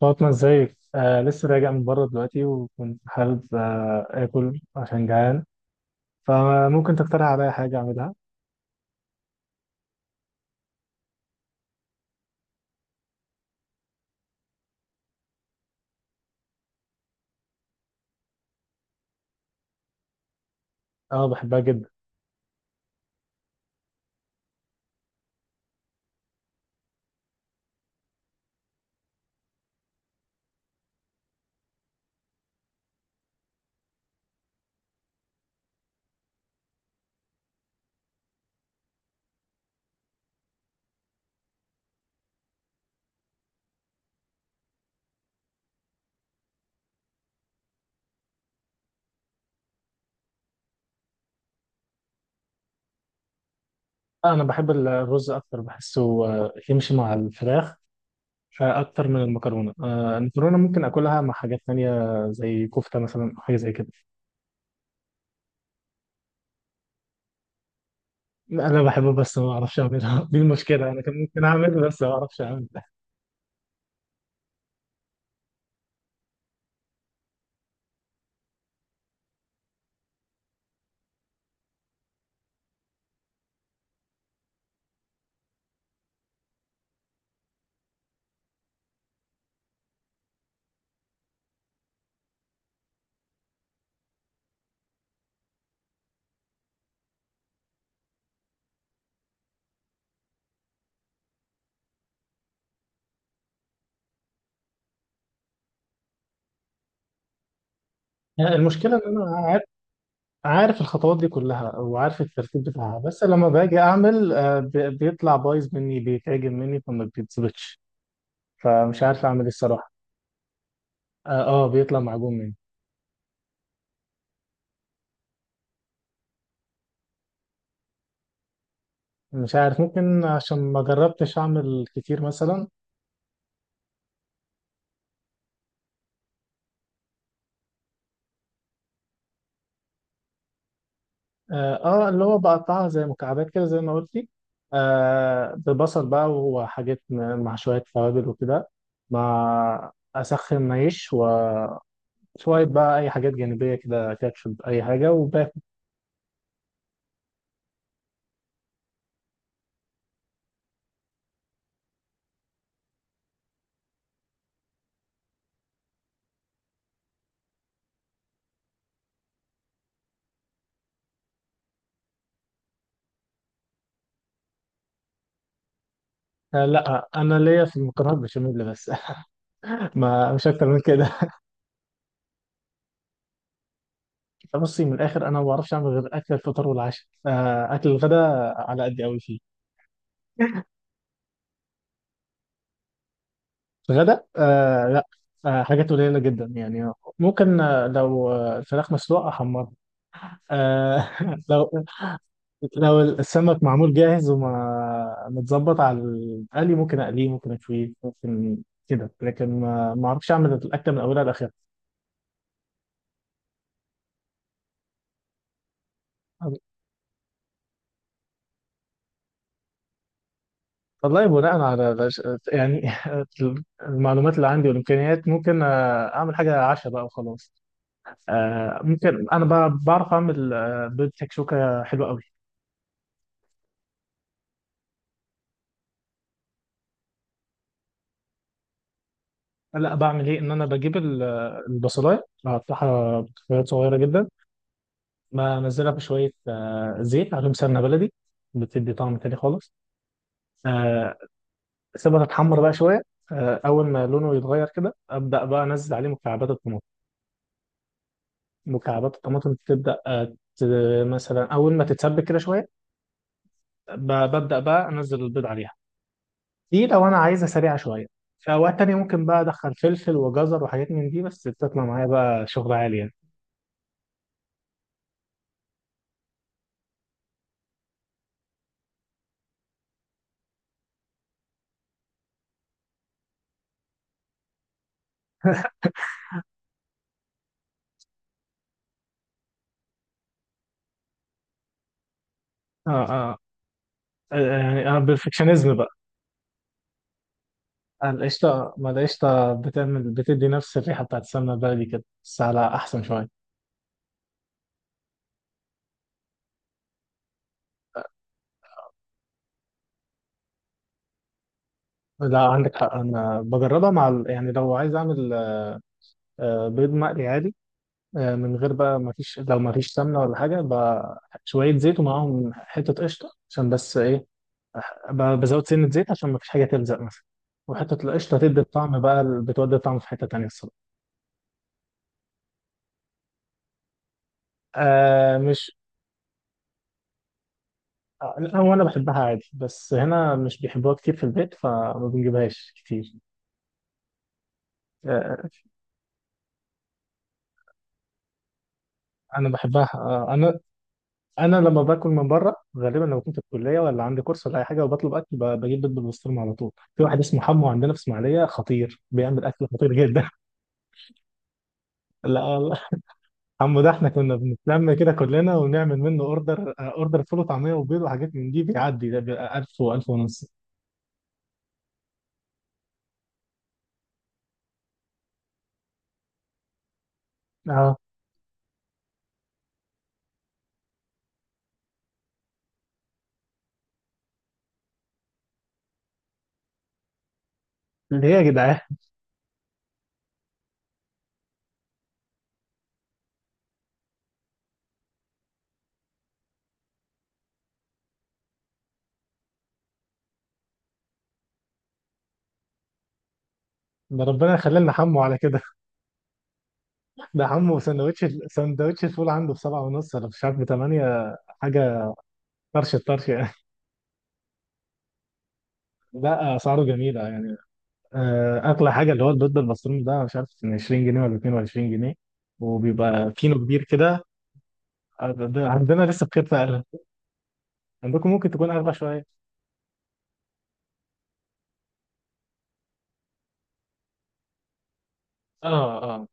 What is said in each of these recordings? فاطمة، ازيك؟ آه، لسه راجع من بره دلوقتي وكنت حابب آكل عشان جعان. فممكن تقترح عليا حاجة أعملها؟ أه، بحبها جدا. آه، أنا بحب الرز أكتر، بحسه يمشي مع الفراخ أكتر من المكرونة. المكرونة ممكن آكلها مع حاجات تانية زي كفتة مثلا أو حاجة زي كده. أنا بحبه بس ما أعرفش أعملها. دي المشكلة، أنا كان ممكن أعمل بس ما أعرفش أعمل. المشكلة إن أنا عارف الخطوات دي كلها وعارف الترتيب بتاعها، بس لما باجي اعمل بيطلع بايظ مني، بيتعجن مني فما بيتظبطش. فمش عارف اعمل ايه الصراحه. اه. بيطلع معجون مني. مش عارف، ممكن عشان ما جربتش اعمل كتير مثلا. اه. اللي هو بقطعها زي مكعبات كده زي ما قلت لي. آه، ببصل بقى وحاجات مع شويه توابل وكده، مع اسخن عيش وشويه بقى اي حاجات جانبيه كده، كاتشب اي حاجه. لا، انا ليا في المكرونه البشاميل بس. ما مش اكتر من كده. بصي من الاخر، انا ما بعرفش اعمل غير اكل الفطار والعشاء. اكل الغداء على قد قوي فيه. الغداء آه لا. حاجات قليله جدا يعني. ممكن لو الفراخ مسلوقه احمرها. آه. لو السمك معمول جاهز وما متظبط على القلي، ممكن اقليه، ممكن اشويه، ممكن كده. لكن ما اعرفش اعمل الاكله من اولها لاخرها. والله، يعني. المعلومات اللي عندي والامكانيات، ممكن اعمل حاجه عشاء بقى وخلاص. ممكن انا بعرف اعمل بيض تكشوكه حلوه قوي. لا، بعمل ايه، ان انا بجيب البصلايه، بقطعها قطعات صغيره جدا، بنزلها في شويه زيت، عليهم سمنه بلدي، بتدي طعم تاني خالص. آه، سيبها تتحمر بقى شويه. اول ما لونه يتغير كده، ابدا بقى انزل عليه مكعبات الطماطم. مكعبات الطماطم تبدأ مثلا أول ما تتسبك كده شوية، ببدأ بقى أنزل البيض عليها. دي لو أنا عايزها سريعة شوية. في أوقات تانية ممكن بقى أدخل فلفل وجزر وحاجات من دي، بس بتطلع معايا بقى شغل عالي يعني. آه آه، يعني أنا بيرفكشنزم بقى. القشطة، ما القشطة بتعمل، بتدي نفس الريحة بتاعت السمنة البلدي كده، بس على أحسن شوية. لا، عندك حق، أنا بجربها مع يعني لو عايز أعمل بيض مقلي عادي، من غير بقى، ما فيش، لو ما فيش سمنه ولا حاجه بقى، شويه زيت ومعاهم حته قشطه عشان بس ايه، بزود سنه زيت عشان ما فيش حاجه تلزق مثلا. وحته القشطه تدي الطعم بقى، بتودي الطعم في حته تانيه الصراحه. آه مش آه، لا، هو انا بحبها عادي، بس هنا مش بيحبوها كتير في البيت فما بنجيبهاش كتير. آه آه، انا بحبها. انا لما باكل من بره، غالبا لما كنت في الكليه ولا عندي كورس ولا اي حاجه وبطلب اكل، بجيب بيض بالبسطرمه على طول. في واحد اسمه حمو عندنا في اسماعيليه خطير، بيعمل اكل خطير جدا. لا والله. عمو ده، احنا كنا بنتلم كده كلنا ونعمل منه اوردر، فول وطعميه وبيض وحاجات من دي، بيعدي ده بيبقى 1000 و1000 ونص. اه. ليه يا جدعان؟ ده ربنا يخلينا حمو على كده. ده حمو، سندوتش الفول عنده بسبعة ونص ولا مش عارف بثمانية حاجة. طرش الطرش يعني. لا، أسعاره جميلة يعني. أغلى حاجة اللي هو البيض بالمصروم ده، مش عارف 20 جنيه ولا 22 جنيه، وبيبقى كيلو كبير كده. ده عندنا لسه بخير فعلا. عندكم ممكن تكون أغلى شوية. اه اه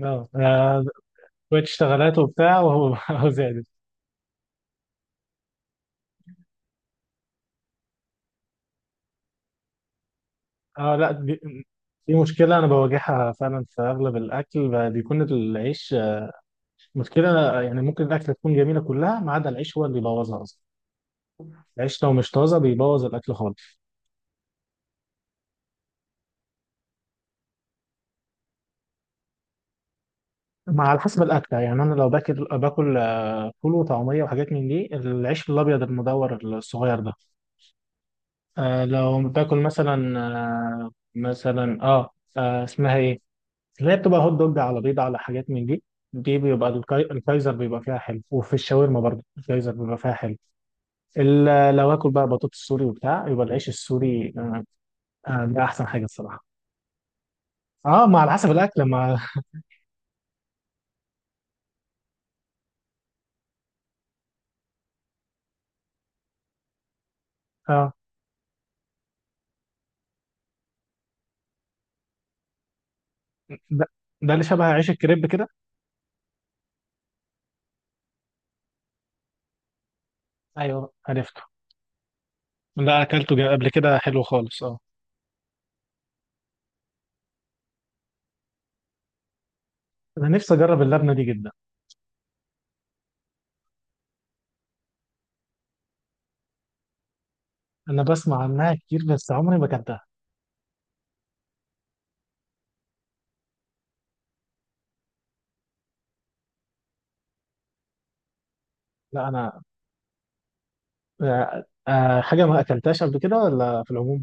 اه. شوية اشتغالات وبتاع، وهو هو زادت. اه، لا، دي مشكلة أنا بواجهها فعلا في أغلب الأكل، بيكون العيش مشكلة يعني. ممكن الأكلة تكون جميلة كلها ما عدا العيش، هو اللي بيبوظها أصلا. العيش لو مش طازة بيبوظ الأكل خالص. مع على حسب الأكلة يعني. أنا لو باكل فول وطعمية وحاجات من دي، العيش الأبيض المدور الصغير ده. آه. لو بتاكل مثلا اسمها ايه، اللي هي بتبقى هوت دوج على بيض على حاجات من دي، دي بيبقى الكايزر بيبقى فيها حلو، وفي الشاورما برضه الكايزر بيبقى فيها حلو. لو اكل بقى بطاطس سوري وبتاع، يبقى العيش السوري. ده احسن حاجه الصراحه. اه، ما على حسب الاكل ما. اه. ده, ده اللي شبه عيش الكريب كده. ايوه، عرفته. ده اكلته قبل كده، حلو خالص. اه، انا نفسي اجرب اللبنه دي جدا. انا بسمع عنها كتير بس عمري ما اكلتها. لا انا، حاجة ما أكلتهاش قبل كده ولا في العموم؟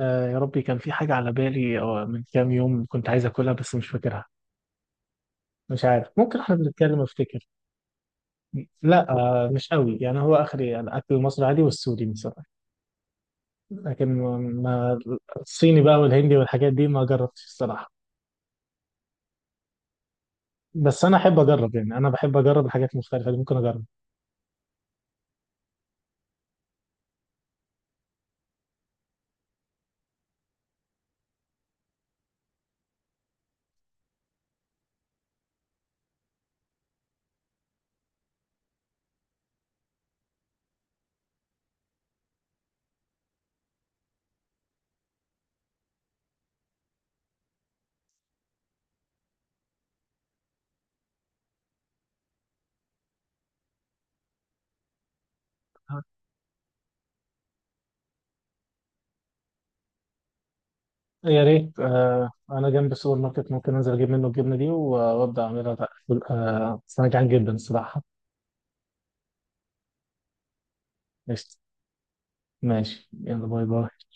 يا ربي، كان في حاجة على بالي أو من كام يوم كنت عايز أكلها بس مش فاكرها. مش عارف، ممكن إحنا بنتكلم أفتكر. لا، مش قوي يعني، هو آخري الأكل المصري عادي والسوري مثلا. لكن ما الصيني بقى والهندي والحاجات دي ما جربتش الصراحة. بس أنا أحب أجرب يعني، أنا بحب أجرب الحاجات المختلفة دي، ممكن أجرب. يا ريت. انا جنب السوبر ماركت، ممكن انزل اجيب منه الجبنه دي وابدا اعملها بقى. بس انا جعان جدا الصراحه. قشطة. ماشي يلا، باي باي.